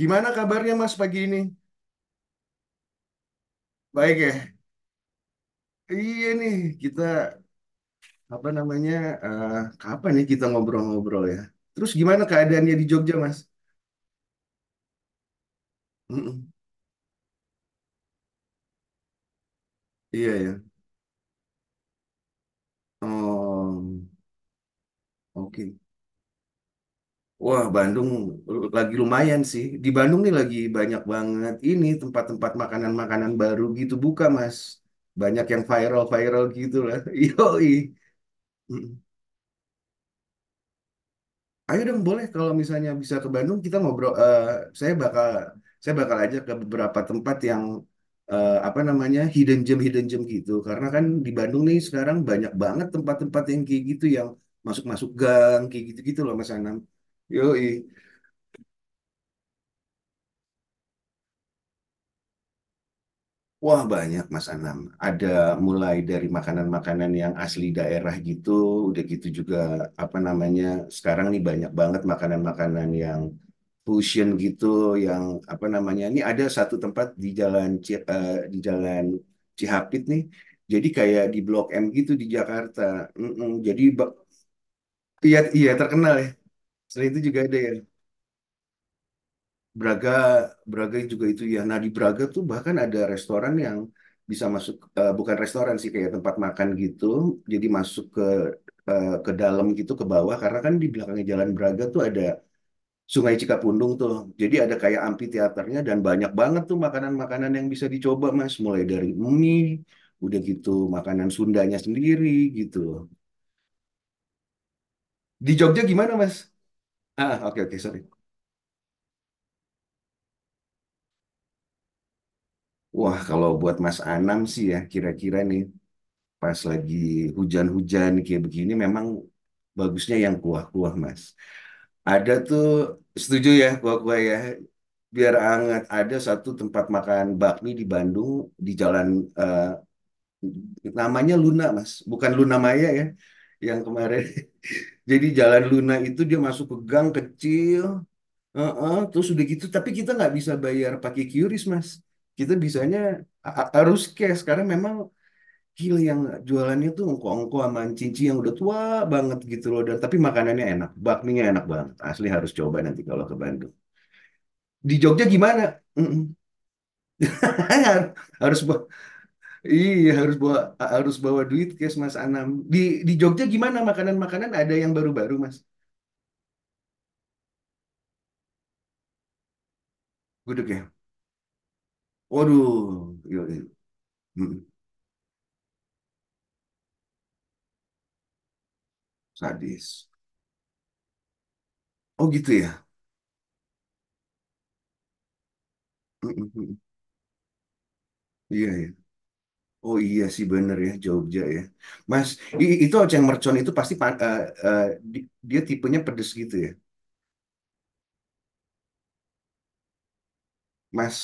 Gimana kabarnya Mas pagi ini? Baik ya? Iya nih, kita apa namanya? Eh, kapan nih kita ngobrol-ngobrol ya? Terus gimana keadaannya di Jogja, Mas? Mm-mm. Iya ya. Oh, oke. Wah, Bandung lagi lumayan sih. Di Bandung nih lagi banyak banget ini tempat-tempat makanan-makanan baru gitu buka, Mas. Banyak yang viral-viral gitu lah. Yoi. Ayo dong boleh kalau misalnya bisa ke Bandung kita ngobrol. Saya bakal saya bakal aja ke beberapa tempat yang eh, apa namanya hidden gem gitu. Karena kan di Bandung nih sekarang banyak banget tempat-tempat yang kayak gitu yang masuk-masuk gang kayak gitu-gitu loh Mas Anam. Yoi. Wah banyak Mas Anam. Ada mulai dari makanan-makanan yang asli daerah gitu, udah gitu juga apa namanya. Sekarang nih banyak banget makanan-makanan yang fusion gitu, yang apa namanya. Ini ada satu tempat di di jalan Cihapit nih. Jadi kayak di Blok M gitu di Jakarta. Mm-mm, jadi ba- iya iya terkenal ya. Selain itu juga ada ya. Braga, Braga juga itu ya. Nah, di Braga tuh bahkan ada restoran yang bukan restoran sih, kayak tempat makan gitu. Jadi masuk ke ke dalam gitu, ke bawah. Karena kan di belakangnya Jalan Braga tuh ada Sungai Cikapundung tuh. Jadi ada kayak amphitheaternya dan banyak banget tuh makanan-makanan yang bisa dicoba, Mas. Mulai dari mie, udah gitu makanan Sundanya sendiri gitu. Di Jogja gimana, Mas? Ah, oke, oke, sorry. Wah, kalau buat Mas Anam sih ya, kira-kira nih pas lagi hujan-hujan kayak begini memang bagusnya yang kuah-kuah mas. Ada tuh setuju ya kuah-kuah ya biar hangat ada satu tempat makan bakmi di Bandung di jalan eh, namanya Luna mas bukan Luna Maya ya yang kemarin. Jadi jalan Luna itu dia masuk ke gang kecil. Heeh, terus udah gitu tapi kita nggak bisa bayar pakai QRIS mas kita bisanya harus cash karena memang Gila yang jualannya tuh ongko-ongko sama cinci yang udah tua banget gitu loh. Dan tapi makanannya enak, bakminya enak banget. Asli harus coba nanti kalau ke Bandung. Di Jogja gimana? Mm-mm. Harus bawa, iya harus bawa harus bawa duit cash Mas Anam. Di di Jogja gimana makanan-makanan ada yang baru-baru Mas? Gudeg ya. Waduh, iya, iya. Mm-mm. Sadis. Oh gitu ya. Mm-mm. Iya ya. Oh iya sih bener ya Jogja ya. Mas, itu oceng mercon itu pasti pa- eh, eh, di- dia tipenya pedes gitu ya. Mas,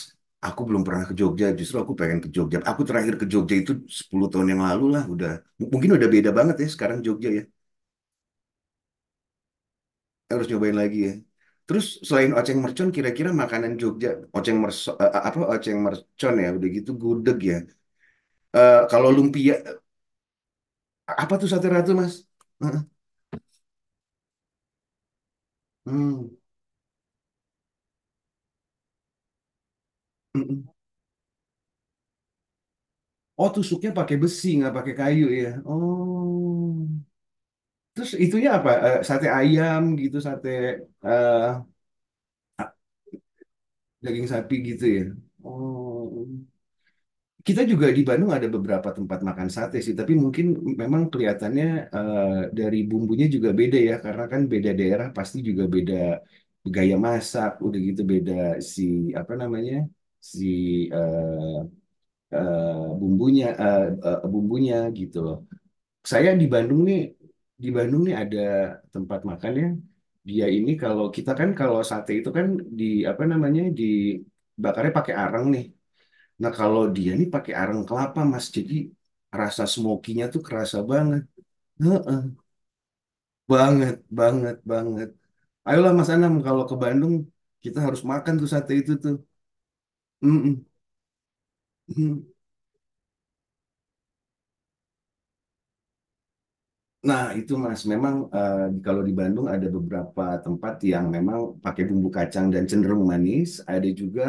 aku belum pernah ke Jogja, justru aku pengen ke Jogja. Aku terakhir ke Jogja itu 10 tahun yang lalu lah, udah. Mungkin udah beda banget ya sekarang Jogja ya. Harus nyobain lagi ya. Terus selain oceng mercon kira-kira makanan Jogja, oceng mercon apa oceng mercon ya, udah gitu gudeg ya. Eh, kalau lumpia apa tuh sate ratu, Mas? Heeh. Hmm. Hmm, hmm. Oh, tusuknya pakai besi, nggak pakai kayu ya. Oh. Terus itunya apa? Eh, sate ayam gitu, eh, daging sapi gitu ya. Oh. Kita juga di Bandung ada beberapa tempat makan sate sih, tapi mungkin memang kelihatannya eh, dari bumbunya juga beda ya, karena kan beda daerah pasti juga beda gaya masak, udah gitu beda si apa namanya? Si eh, eh, eh, bumbunya gitu. Saya di Bandung nih ada tempat makan ya dia ini kalau kita kan kalau sate itu kan di apa namanya dibakarnya pakai arang nih. Nah kalau dia nih pakai arang kelapa mas jadi rasa smokinya tuh kerasa banget. Heeh, banget banget banget ayolah Mas Anam kalau ke Bandung kita harus makan tuh sate itu tuh. Mm-mm. Nah, itu Mas, memang eh, kalau di Bandung ada beberapa tempat yang memang pakai bumbu kacang dan cenderung manis. Ada juga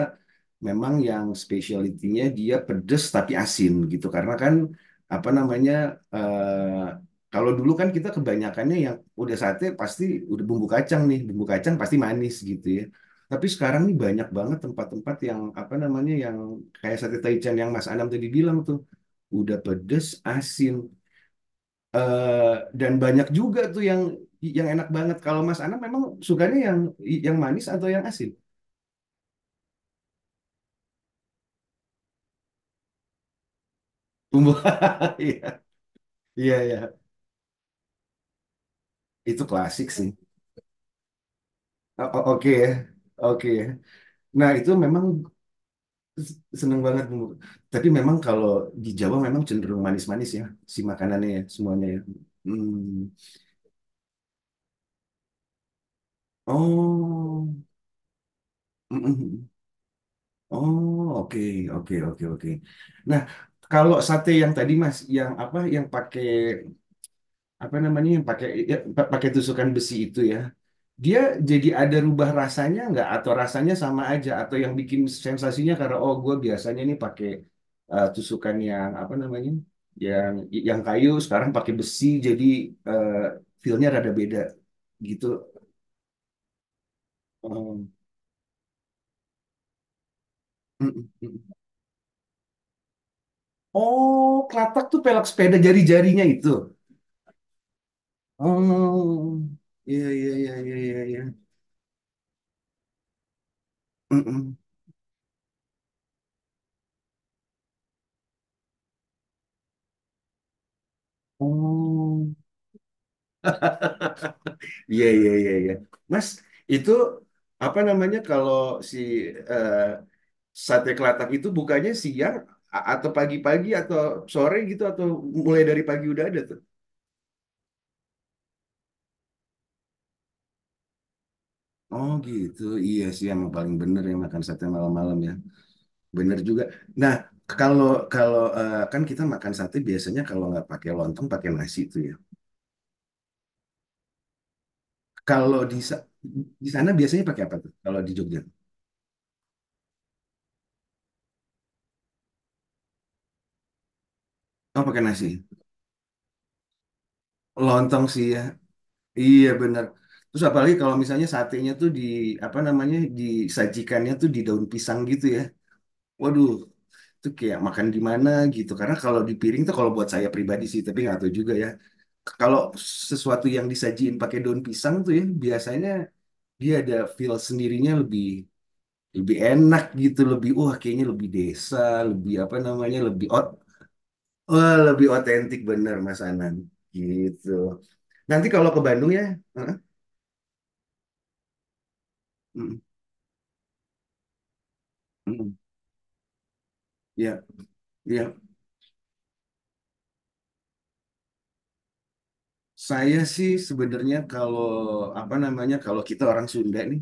memang yang spesialitinya dia pedes tapi asin gitu. Karena kan apa namanya eh, kalau dulu kan kita kebanyakannya yang udah sate pasti udah bumbu kacang nih, bumbu kacang pasti manis gitu ya. Tapi sekarang nih banyak banget tempat-tempat yang apa namanya yang kayak sate Taichan yang Mas Anam tadi bilang tuh udah pedes asin. Eh, dan banyak juga tuh yang enak banget. Kalau Mas Ana memang sukanya yang manis atau yang asin? Bumbu. Iya, iya, iya. Itu klasik sih. Oke ya. Oke ya. Nah, itu memang s- seneng banget bumbu. Tapi memang kalau di Jawa memang cenderung manis-manis ya si makanannya ya, semuanya ya. Hmm. Oh. Mm-mm. Oh, oke. Nah, kalau sate yang tadi Mas, yang apa yang pakai apa namanya yang pakai ya, pakai tusukan besi itu ya dia jadi ada rubah rasanya nggak atau rasanya sama aja atau yang bikin sensasinya karena oh gue biasanya nih pakai tusukan yang apa namanya yang yang kayu sekarang pakai besi jadi eh, feel rada beda gitu. Em, mm. Oh kelatak tuh pelak sepeda jari-jarinya itu. Oh iya iya iya iya iya iya. Mm. Oh iya. Mas, itu apa namanya kalau si eh, sate kelatak itu bukanya siang atau pagi-pagi atau sore gitu atau mulai dari pagi udah ada tuh? Oh gitu, iya sih yang paling bener yang makan sate malam-malam ya. Bener juga. Nah, kalau kalau eh, kan kita makan sate biasanya kalau nggak pakai lontong pakai nasi itu ya. Kalau di sa- di sana biasanya pakai apa tuh? Kalau di Jogja? Oh pakai nasi. Lontong sih ya. Iya benar. Terus apalagi kalau misalnya satenya tuh di apa namanya disajikannya tuh di daun pisang gitu ya. Waduh, itu kayak makan di mana gitu. Karena kalau di piring tuh kalau buat saya pribadi sih, tapi nggak tahu juga ya. Kalau sesuatu yang disajiin pakai daun pisang tuh ya biasanya dia ada feel sendirinya lebih lebih enak gitu, lebih wah kayaknya lebih desa, lebih apa namanya lebih ot wah, lebih otentik bener Mas Anan gitu. Nanti kalau ke Bandung ya, heeh, mm, mm. Ya, Ya, saya sih sebenarnya kalau apa namanya kalau kita orang Sunda nih,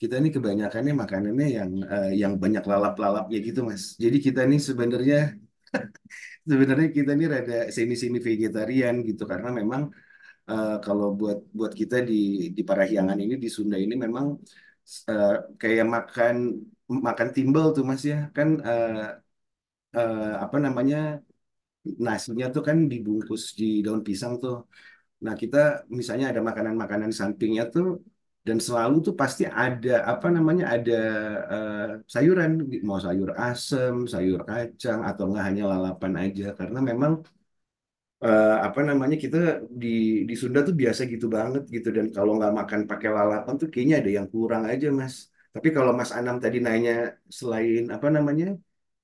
kita nih kebanyakannya makanannya yang eh, yang banyak lalap-lalapnya gitu, Mas. Jadi kita nih sebenarnya sebenarnya kita nih rada semi-semi vegetarian gitu karena memang eh, kalau buat buat kita di Parahyangan ini di Sunda ini memang eh, kayak makan makan timbel tuh, Mas ya. Kan eh, eh, apa namanya nasinya tuh kan dibungkus di daun pisang tuh. Nah, kita misalnya ada makanan-makanan sampingnya tuh dan selalu tuh pasti ada apa namanya ada eh, sayuran mau sayur asem, sayur kacang atau enggak hanya lalapan aja karena memang eh, apa namanya kita di di Sunda tuh biasa gitu banget gitu dan kalau nggak makan pakai lalapan tuh kayaknya ada yang kurang aja Mas. Tapi kalau Mas Anam tadi nanya selain apa namanya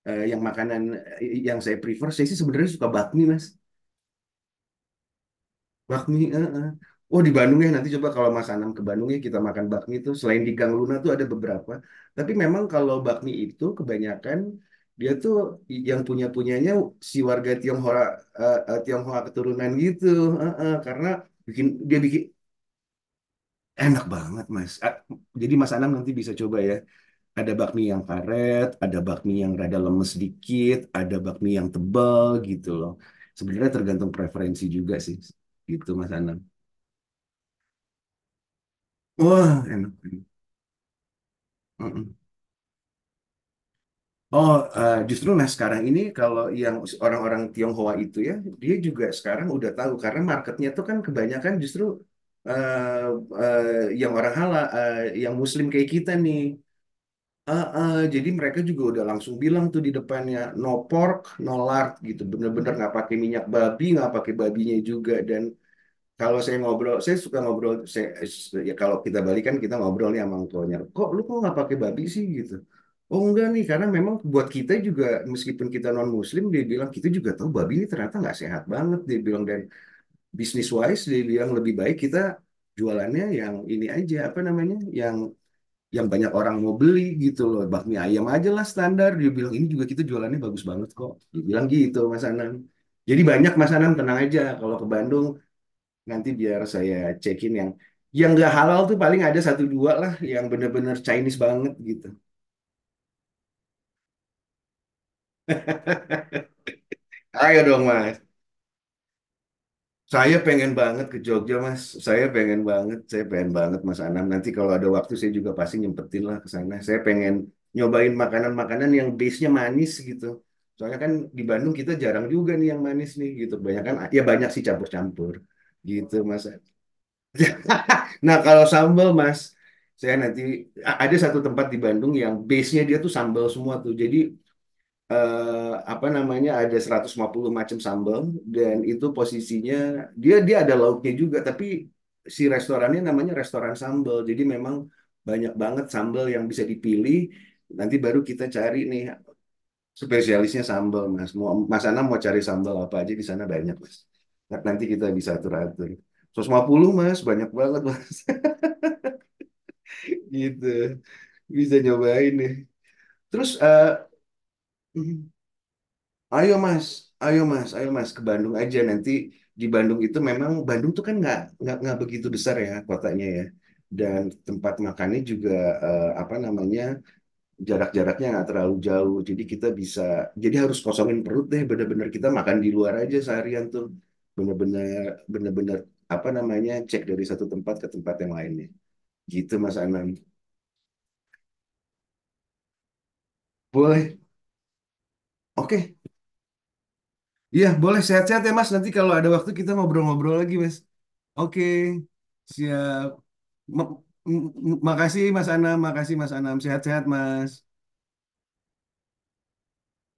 eh, yang makanan eh, yang saya prefer saya sih sebenarnya suka bakmi Mas. Bakmi, eh, eh. Oh di Bandung ya nanti coba kalau Mas Anam ke Bandung ya kita makan bakmi itu selain di Gang Luna tuh ada beberapa. Tapi memang kalau bakmi itu kebanyakan dia tuh i- yang punya punyanya si warga Tionghoa eh, eh, Tionghoa keturunan gitu. Eh, eh. Karena bikin enak banget Mas. Ah, jadi Mas Anam nanti bisa coba ya. Ada bakmi yang karet, ada bakmi yang rada lemes dikit, ada bakmi yang tebal gitu loh. Sebenarnya tergantung preferensi juga sih. Gitu Mas Anam. Wah, enak. Mm-mm. Oh, eh, justru nah sekarang ini kalau yang orang-orang Tionghoa itu ya, dia juga sekarang udah tahu karena marketnya tuh kan kebanyakan justru eh, yang orang halal, eh, yang Muslim kayak kita nih. Eh, eh, jadi mereka juga udah langsung bilang tuh di depannya no pork, no lard gitu, bener-bener nggak pakai minyak babi, nggak pakai babinya juga dan Kalau saya ngobrol, saya suka ngobrol. Saya, ya kalau kita balikan kita ngobrol nih sama orang Kok lu kok nggak pakai babi sih gitu? Oh enggak nih, karena memang buat kita juga meskipun kita non Muslim, dia bilang kita juga tahu babi ini ternyata nggak sehat banget. Dia bilang dan bisnis wise dia bilang lebih baik kita jualannya yang ini aja apa namanya yang banyak orang mau beli gitu loh bakmi ayam aja lah standar dia bilang ini juga kita jualannya bagus banget kok dia bilang gitu Mas Anang jadi banyak Mas Anang tenang aja kalau ke Bandung. Nanti biar saya cekin yang nggak halal tuh paling ada satu dua lah yang bener-bener Chinese banget gitu. Ayo dong Mas. Saya pengen banget ke Jogja Mas. Saya pengen banget Mas Anam. Nanti kalau ada waktu saya juga pasti nyempetin lah ke sana. Saya pengen nyobain makanan-makanan yang base-nya manis gitu. Soalnya kan di Bandung kita jarang juga nih yang manis nih gitu. Banyak kan ya banyak sih campur-campur gitu Mas. Nah, kalau sambal, Mas, saya nanti ada satu tempat di Bandung yang base-nya dia tuh sambal semua tuh. Jadi eh, apa namanya ada 150 macam sambal dan itu posisinya dia dia ada lauknya juga, tapi si restorannya namanya restoran sambal. Jadi memang banyak banget sambal yang bisa dipilih. Nanti baru kita cari nih spesialisnya sambal, Mas. Mau Mas Ana mau cari sambal apa aja di sana banyak, Mas. Nanti kita bisa atur-atur. 150 Mas, banyak banget, Mas. Gitu. Bisa nyobain nih. Terus eh, mhm. ayo Mas, ayo Mas ke Bandung aja nanti di Bandung itu memang Bandung tuh kan nggak begitu besar ya kotanya ya. Dan tempat makannya juga eh, apa namanya jarak-jaraknya nggak terlalu jauh. Jadi kita bisa jadi harus kosongin perut deh bener-bener kita makan di luar aja seharian tuh. Bener-bener bener-bener apa namanya cek dari satu tempat ke tempat yang lainnya. Gitu Mas Anam. Boleh. Oke, iya, boleh sehat-sehat ya Mas. Nanti kalau ada waktu kita ngobrol-ngobrol lagi, Mas. Oke, siap. Ma- makasih Mas Anam, makasih Mas Anam. Sehat-sehat, Mas.